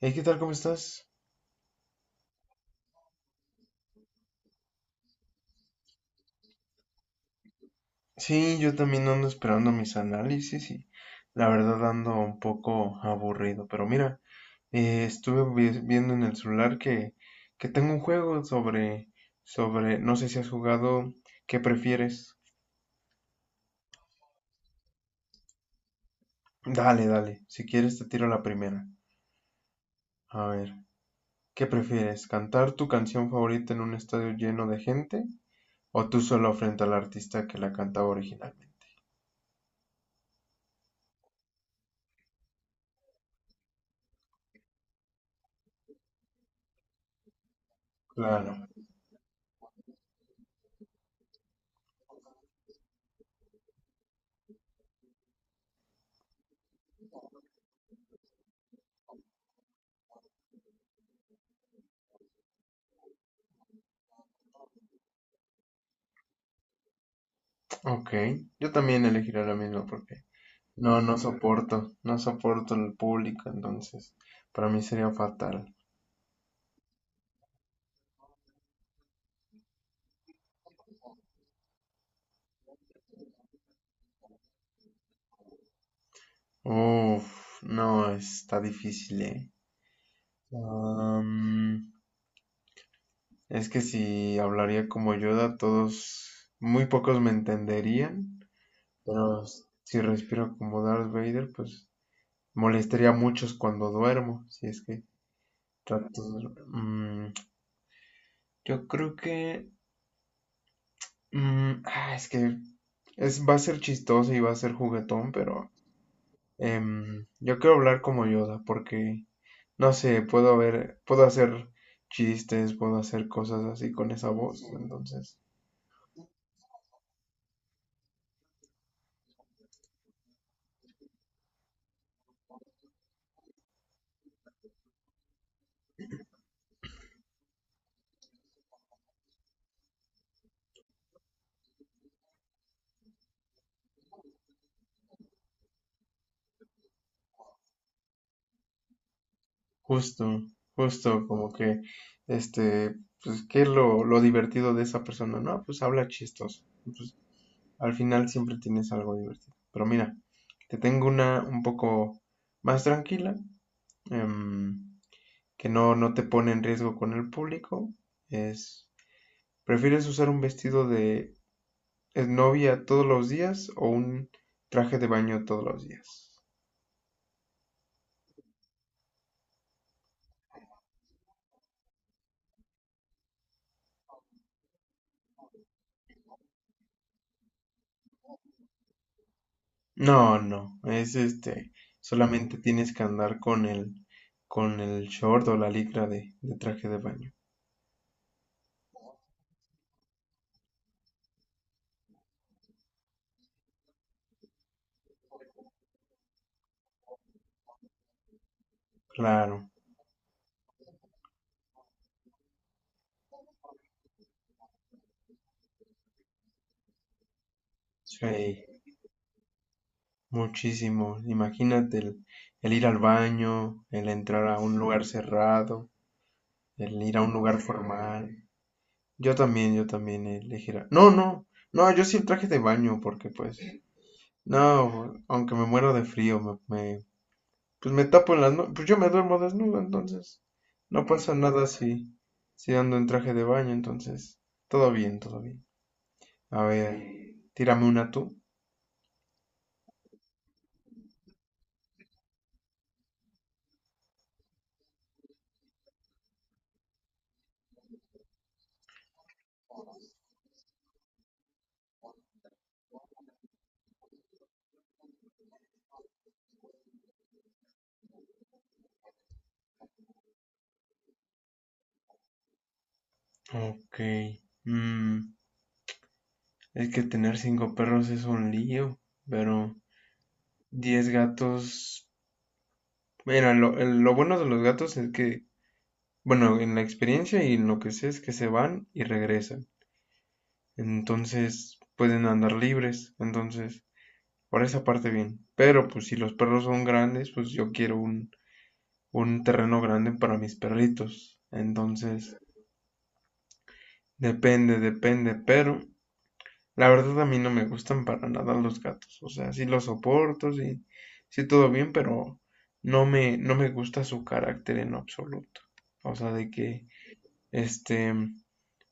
Hey, ¿qué tal? ¿Cómo estás? Sí, yo también ando esperando mis análisis y la verdad ando un poco aburrido. Pero mira, estuve viendo en el celular que tengo un juego sobre, no sé si has jugado, ¿qué prefieres? Dale, dale, si quieres te tiro la primera. A ver, ¿qué prefieres? ¿Cantar tu canción favorita en un estadio lleno de gente o tú solo frente al artista que la cantaba originalmente? Claro, ok, yo también elegiré la misma porque. No, no soporto el público, entonces para mí sería fatal. Uf, no, está difícil, ¿eh? Am, es que si hablaría como Yoda, todos, muy pocos me entenderían, pero si respiro como Darth Vader, pues molestaría a muchos cuando duermo, si es que trato de. Yo creo que. Ah, es que va a ser chistoso y va a ser juguetón, pero. Yo quiero hablar como Yoda porque, no sé, puedo ver, puedo hacer chistes, puedo hacer cosas así con esa voz. Entonces, justo, justo como que, este, pues, ¿qué es lo divertido de esa persona? No, pues habla chistos. Pues, al final siempre tienes algo divertido. Pero mira, te tengo una un poco más tranquila, em, que no te pone en riesgo con el público. Es, ¿Prefieres usar un vestido de es novia todos los días o un traje de baño todos los días? No, no, es solamente tienes que andar con el short o la licra de traje de baño. Claro, sí, muchísimo. Imagínate el, ir al baño, el entrar a un lugar cerrado, el ir a un lugar formal. Yo también elegiría. No, no, no, yo sí el traje de baño, porque pues, no, aunque me muero de frío, me pues me tapo en las no, pues yo me duermo desnudo, entonces no pasa nada si ando en traje de baño, entonces todo bien, todo bien. A ver, tírame una tú. Ok, mm, es que tener cinco perros es un lío, pero diez gatos, mira, lo bueno de los gatos es que, bueno, en la experiencia y en lo que sé es que se van y regresan, entonces pueden andar libres, entonces. Por esa parte bien. Pero pues si los perros son grandes, pues yo quiero un terreno grande para mis perritos. Entonces, depende, depende. Pero la verdad a mí no me gustan para nada los gatos. O sea, sí los soporto, sí, sí todo bien, pero no me gusta su carácter en absoluto. O sea, de que, este,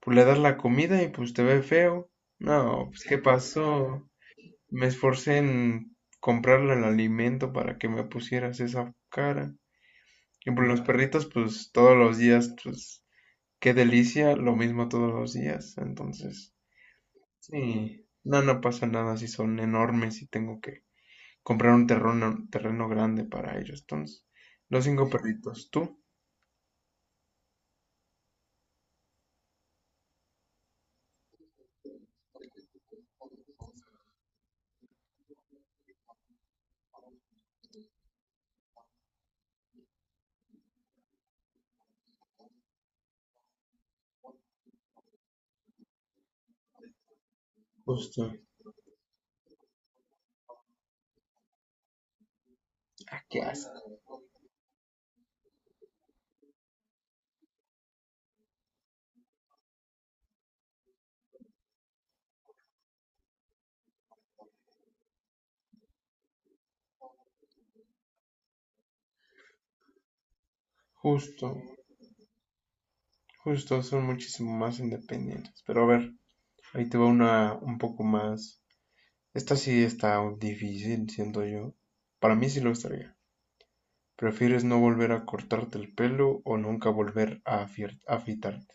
pues le das la comida y pues te ve feo. No, pues ¿qué pasó? Me esforcé en comprarle el alimento para que me pusieras esa cara. Y por los perritos, pues todos los días, pues qué delicia, lo mismo todos los días. Entonces, sí, no pasa nada si son enormes y tengo que comprar un terreno, terreno grande para ellos. Entonces, los cinco perritos, tú, justo, ah, qué asco, justo, justo, son muchísimo más independientes. Pero a ver, ahí te va una un poco más. Esta sí está difícil, siento yo. Para mí sí lo estaría. ¿Prefieres no volver a cortarte el pelo o nunca volver a afeitarte?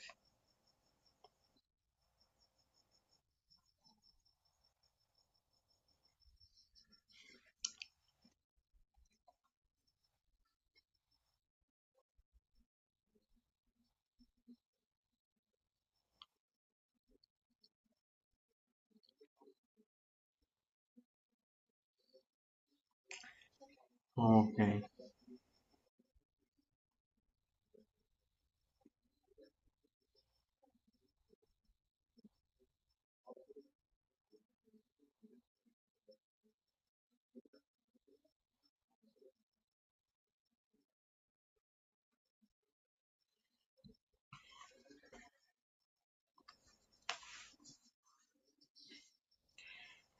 Ok,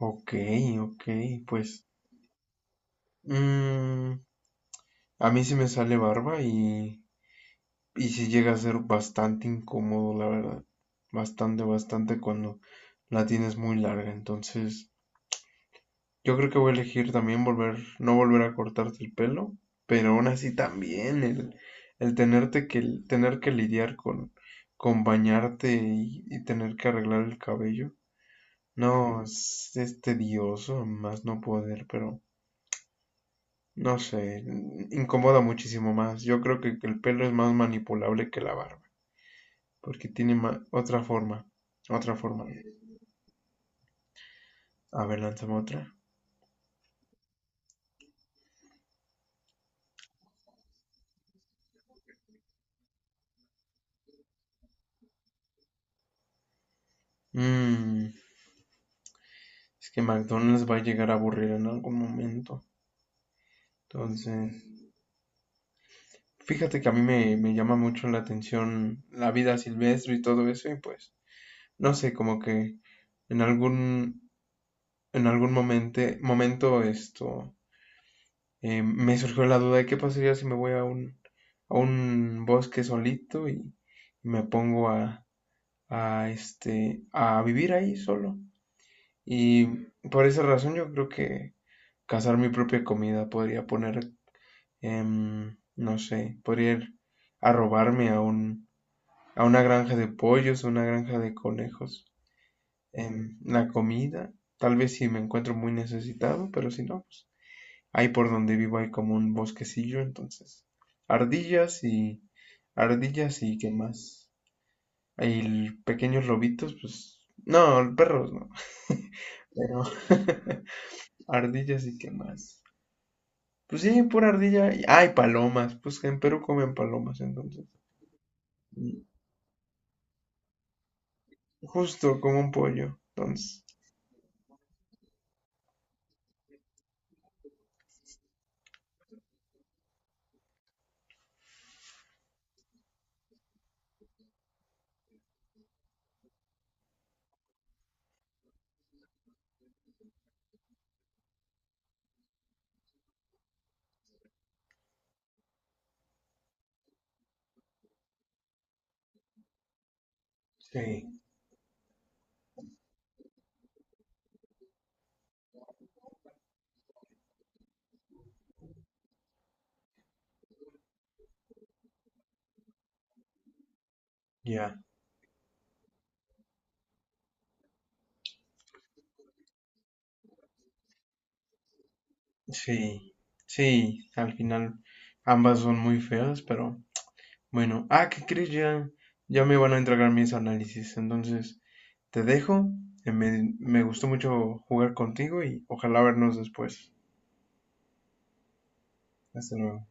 ok, ok, pues mm, a mí sí me sale barba y sí llega a ser bastante incómodo, la verdad. Bastante, bastante cuando la tienes muy larga. Entonces, yo creo que voy a elegir también no volver a cortarte el pelo, pero aún así también el tenerte que, tener que lidiar con bañarte y tener que arreglar el cabello. No, es tedioso, más no poder, pero no sé, incomoda muchísimo más. Yo creo que el pelo es más manipulable que la barba, porque tiene otra forma, otra forma. A ver, lánzame otra. Mm, es que McDonald's va a llegar a aburrir en algún momento. Entonces, fíjate que a mí me llama mucho la atención la vida silvestre y todo eso, y pues, no sé, como que en algún, en algún momento, momento esto, me surgió la duda de qué pasaría si me voy a un bosque solito y me pongo a vivir ahí solo. Y por esa razón yo creo que cazar mi propia comida podría poner, no sé, podría ir a robarme a una granja de pollos, una granja de conejos. En la comida, tal vez si me encuentro muy necesitado, pero si no, pues ahí por donde vivo hay como un bosquecillo, entonces ardillas y ardillas y qué más. Hay pequeños lobitos, pues no, perros no, pero ardillas y qué más. Pues sí, pura ardilla. Ah, palomas. Pues en Perú comen palomas, entonces. Mm, Justo como un pollo. Entonces. Sí, ya. Sí, sí, al final ambas son muy feas, pero bueno. Ah, ¿qué crees? Ya, ya me van a entregar mis análisis, entonces te dejo. Me gustó mucho jugar contigo y ojalá vernos después. Hasta luego.